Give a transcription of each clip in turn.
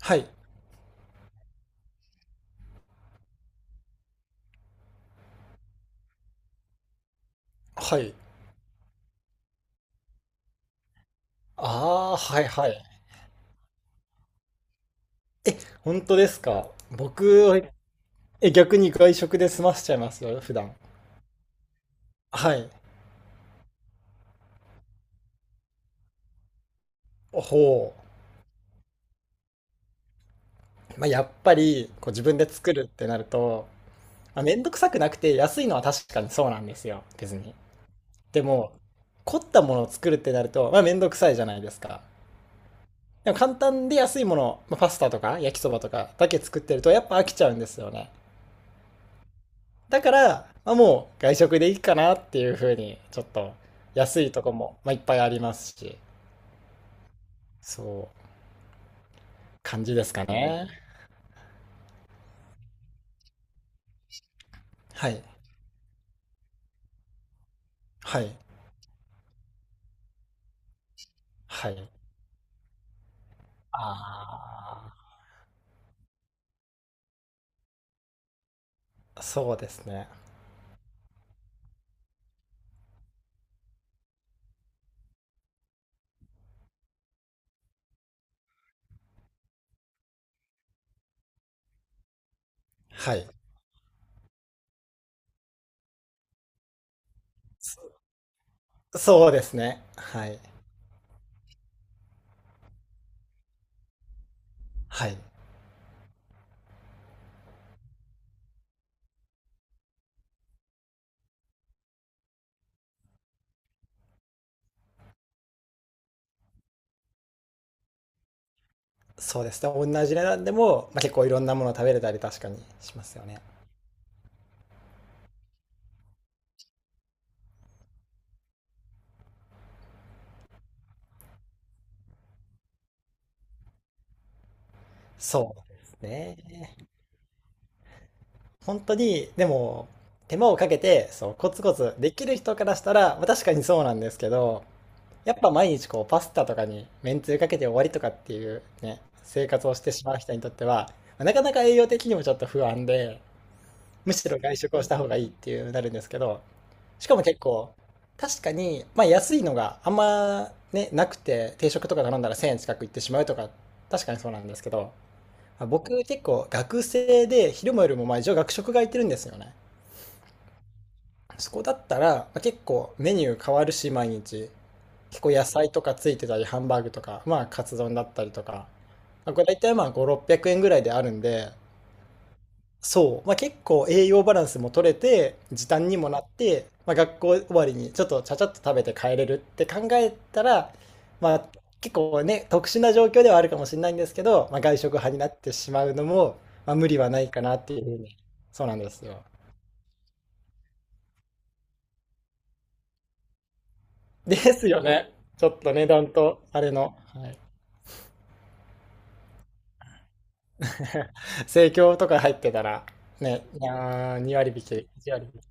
はい。はい。ああ、はいはい。え、本当ですか？僕は、え、逆に外食で済ませちゃいますよ、普段。はい。ほう。まあ、やっぱり、こう自分で作るってなると、まあ、めんどくさくなくて安いのは確かにそうなんですよ、別に。でも、凝ったものを作るってなると、まあ、めんどくさいじゃないですか。でも簡単で安いもの、まあ、パスタとか焼きそばとかだけ作ってると、やっぱ飽きちゃうんですよね。だから、まあ、もう外食でいいかなっていう風に、ちょっと安いとこも、まあ、いっぱいありますし、そう、感じですかね。はい。はい。はい。ああ、そうですね。はい。そそうですね。はい。はい。そうですね。同じ値段でも、まあ、結構いろんなもの食べれたり確かにしますよね。そうですね。本当に、でも、手間をかけて、そう、コツコツできる人からしたら、まあ、確かにそうなんですけど、やっぱ毎日こう、パスタとかにめんつゆかけて終わりとかっていうね、生活をしてしまう人にとっては、まあなかなか栄養的にもちょっと不安で、むしろ外食をした方がいいっていうなるんですけど、しかも結構、確かに、まあ安いのがあんまね、なくて、定食とか頼んだら1000円近くいってしまうとか、確かにそうなんですけど、あ、僕結構学生で昼も夜もまあ一応学食が空いてるんですよね。そこだったら、まあ、結構メニュー変わるし毎日結構野菜とかついてたりハンバーグとかまあカツ丼だったりとか、まあ、これ大体まあ5、600円ぐらいであるんで、そう、まあ、結構栄養バランスも取れて時短にもなって、まあ、学校終わりにちょっとちゃちゃっと食べて帰れるって考えたら、まあ、結構ね特殊な状況ではあるかもしれないんですけど、まあ、外食派になってしまうのも、まあ、無理はないかなっていうふうに。そうなんですよ。ですよね。ちょっと値段とあれの、はい、生協とか入ってたらね、いやー2割引き、1割引き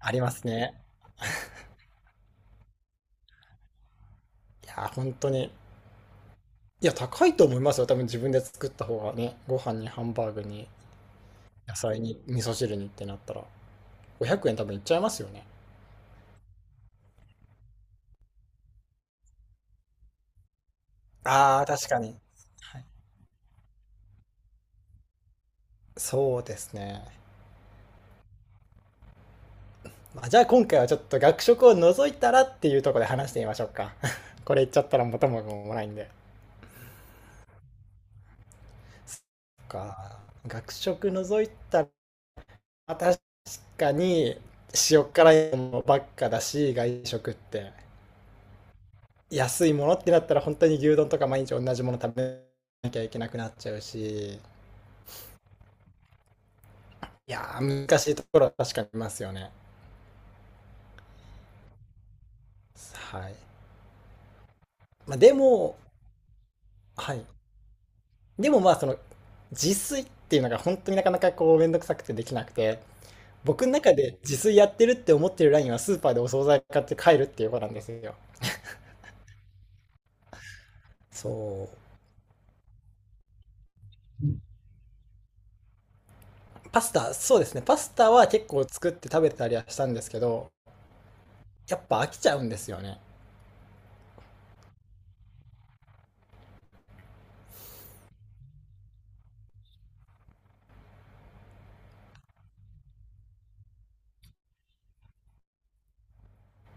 ありますね。いやー本当に。いや、高いと思いますよ。多分自分で作った方がね、ご飯にハンバーグに野菜に味噌汁にってなったら、500円多分いっちゃいますよね。ああ、確かに。はい、そうですね。まあ、じゃあ今回はちょっと学食を除いたらっていうところで話してみましょうか。これ言っちゃったら元も子もないんで。そっか。学食除いたら、まあ確かに塩辛いものばっかだし、外食って。安いものってなったら本当に牛丼とか毎日同じもの食べなきゃいけなくなっちゃうし、いやー、難しいところは確かにありますよね。はい。まあ、でも、はい。でもまあ、その、自炊っていうのが本当になかなかこう、めんどくさくてできなくて、僕の中で自炊やってるって思ってるラインはスーパーでお惣菜買って帰るっていうことなんですよ。そう。パスタ、そうですね。パスタは結構作って食べてたりはしたんですけど、やっぱ飽きちゃうんですよね。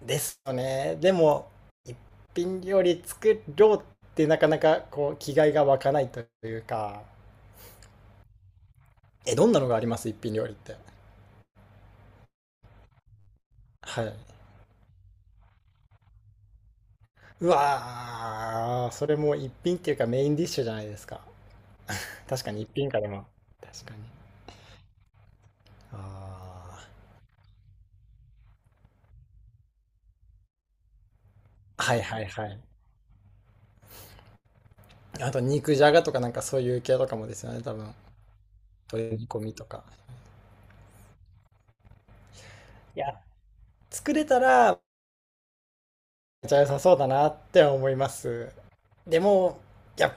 ですよね。でも、一品料理作ろうってなかなかこう気概が湧かないというか、え、どんなのがあります？一品料理って。はい。うわー、それも一品っていうかメインディッシュじゃないですか。確かに一品かでも。確かに。ああ。はいはいはい。あと肉じゃがとかなんかそういう系とかもですよね、多分。鶏煮込みとか。いや、作れたらめっちゃ良さそうだなって思います。でも、やっ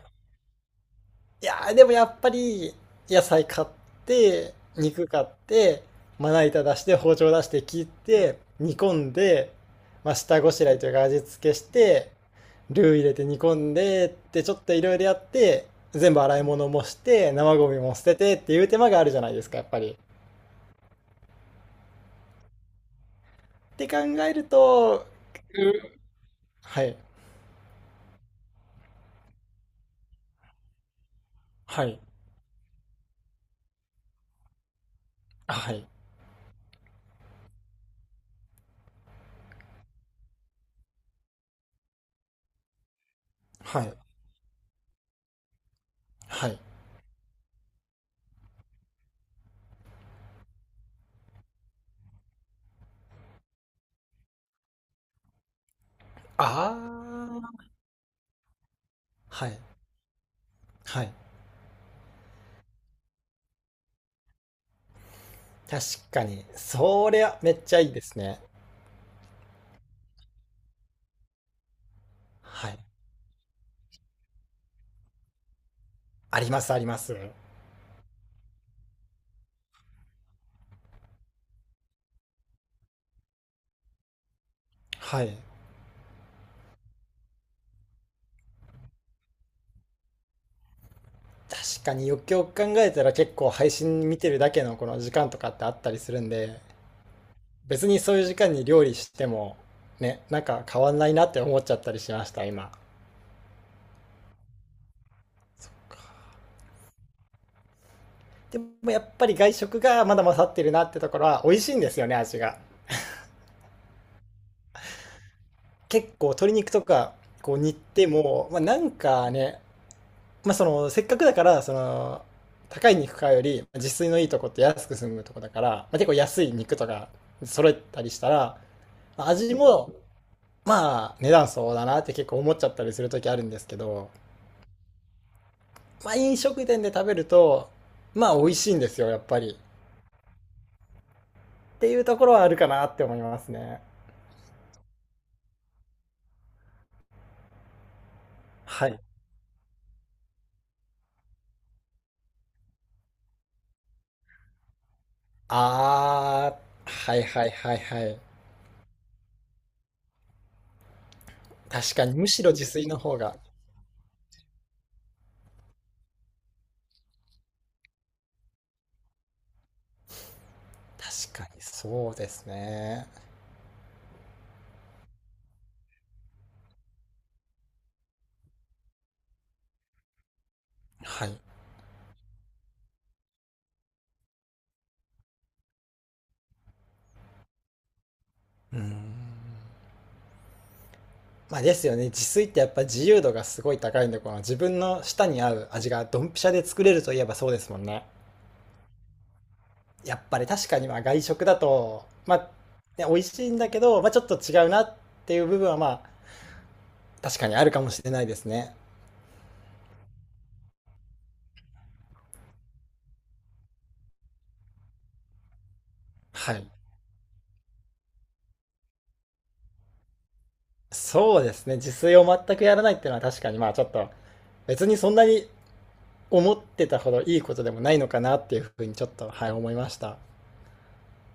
いやー、でもやっぱり、野菜買って、肉買って、まな板出して、包丁出して切って、煮込んで、まあ、下ごしらえというか味付けして、ルー入れて煮込んでってちょっといろいろやって、全部洗い物もして、生ゴミも捨ててっていう手間があるじゃないですか、やっぱり。って考えると、はい、はい、はい、はい、はい。ああ、はい、はい。確かに、そりゃめっちゃいいですね。はい。ありますあります。はい。確かによくよく考えたら結構配信見てるだけのこの時間とかってあったりするんで、別にそういう時間に料理してもね、なんか変わんないなって思っちゃったりしました、今。でもやっぱり外食がまだ勝ってるなってところは美味しいんですよね、味が。結構鶏肉とかこう煮ても、まあ、なんかね、まあ、そのせっかくだからその高い肉買うより自炊のいいとこって安く済むとこだから、まあ、結構安い肉とか揃えたりしたら味も、まあ、値段そうだなって結構思っちゃったりする時あるんですけど、まあ、飲食店で食べると、まあ、美味しいんですよ、やっぱり。っていうところはあるかなって思いますね。はい。あー、はいはいはいはい。確かに、むしろ自炊の方が。確かに、そうですね。はい。うーん。まあですよね。自炊ってやっぱ自由度がすごい高いんで、この自分の舌に合う味がドンピシャで作れるといえばそうですもんね。やっぱり確かにまあ外食だと、まあ、ね、美味しいんだけど、まあ、ちょっと違うなっていう部分はまあ、確かにあるかもしれないですね。はい。そうですね。自炊を全くやらないっていうのは確かにまあちょっと、別にそんなに思ってたほどいいことでもないのかなっていうふうにちょっと、はい、思いました。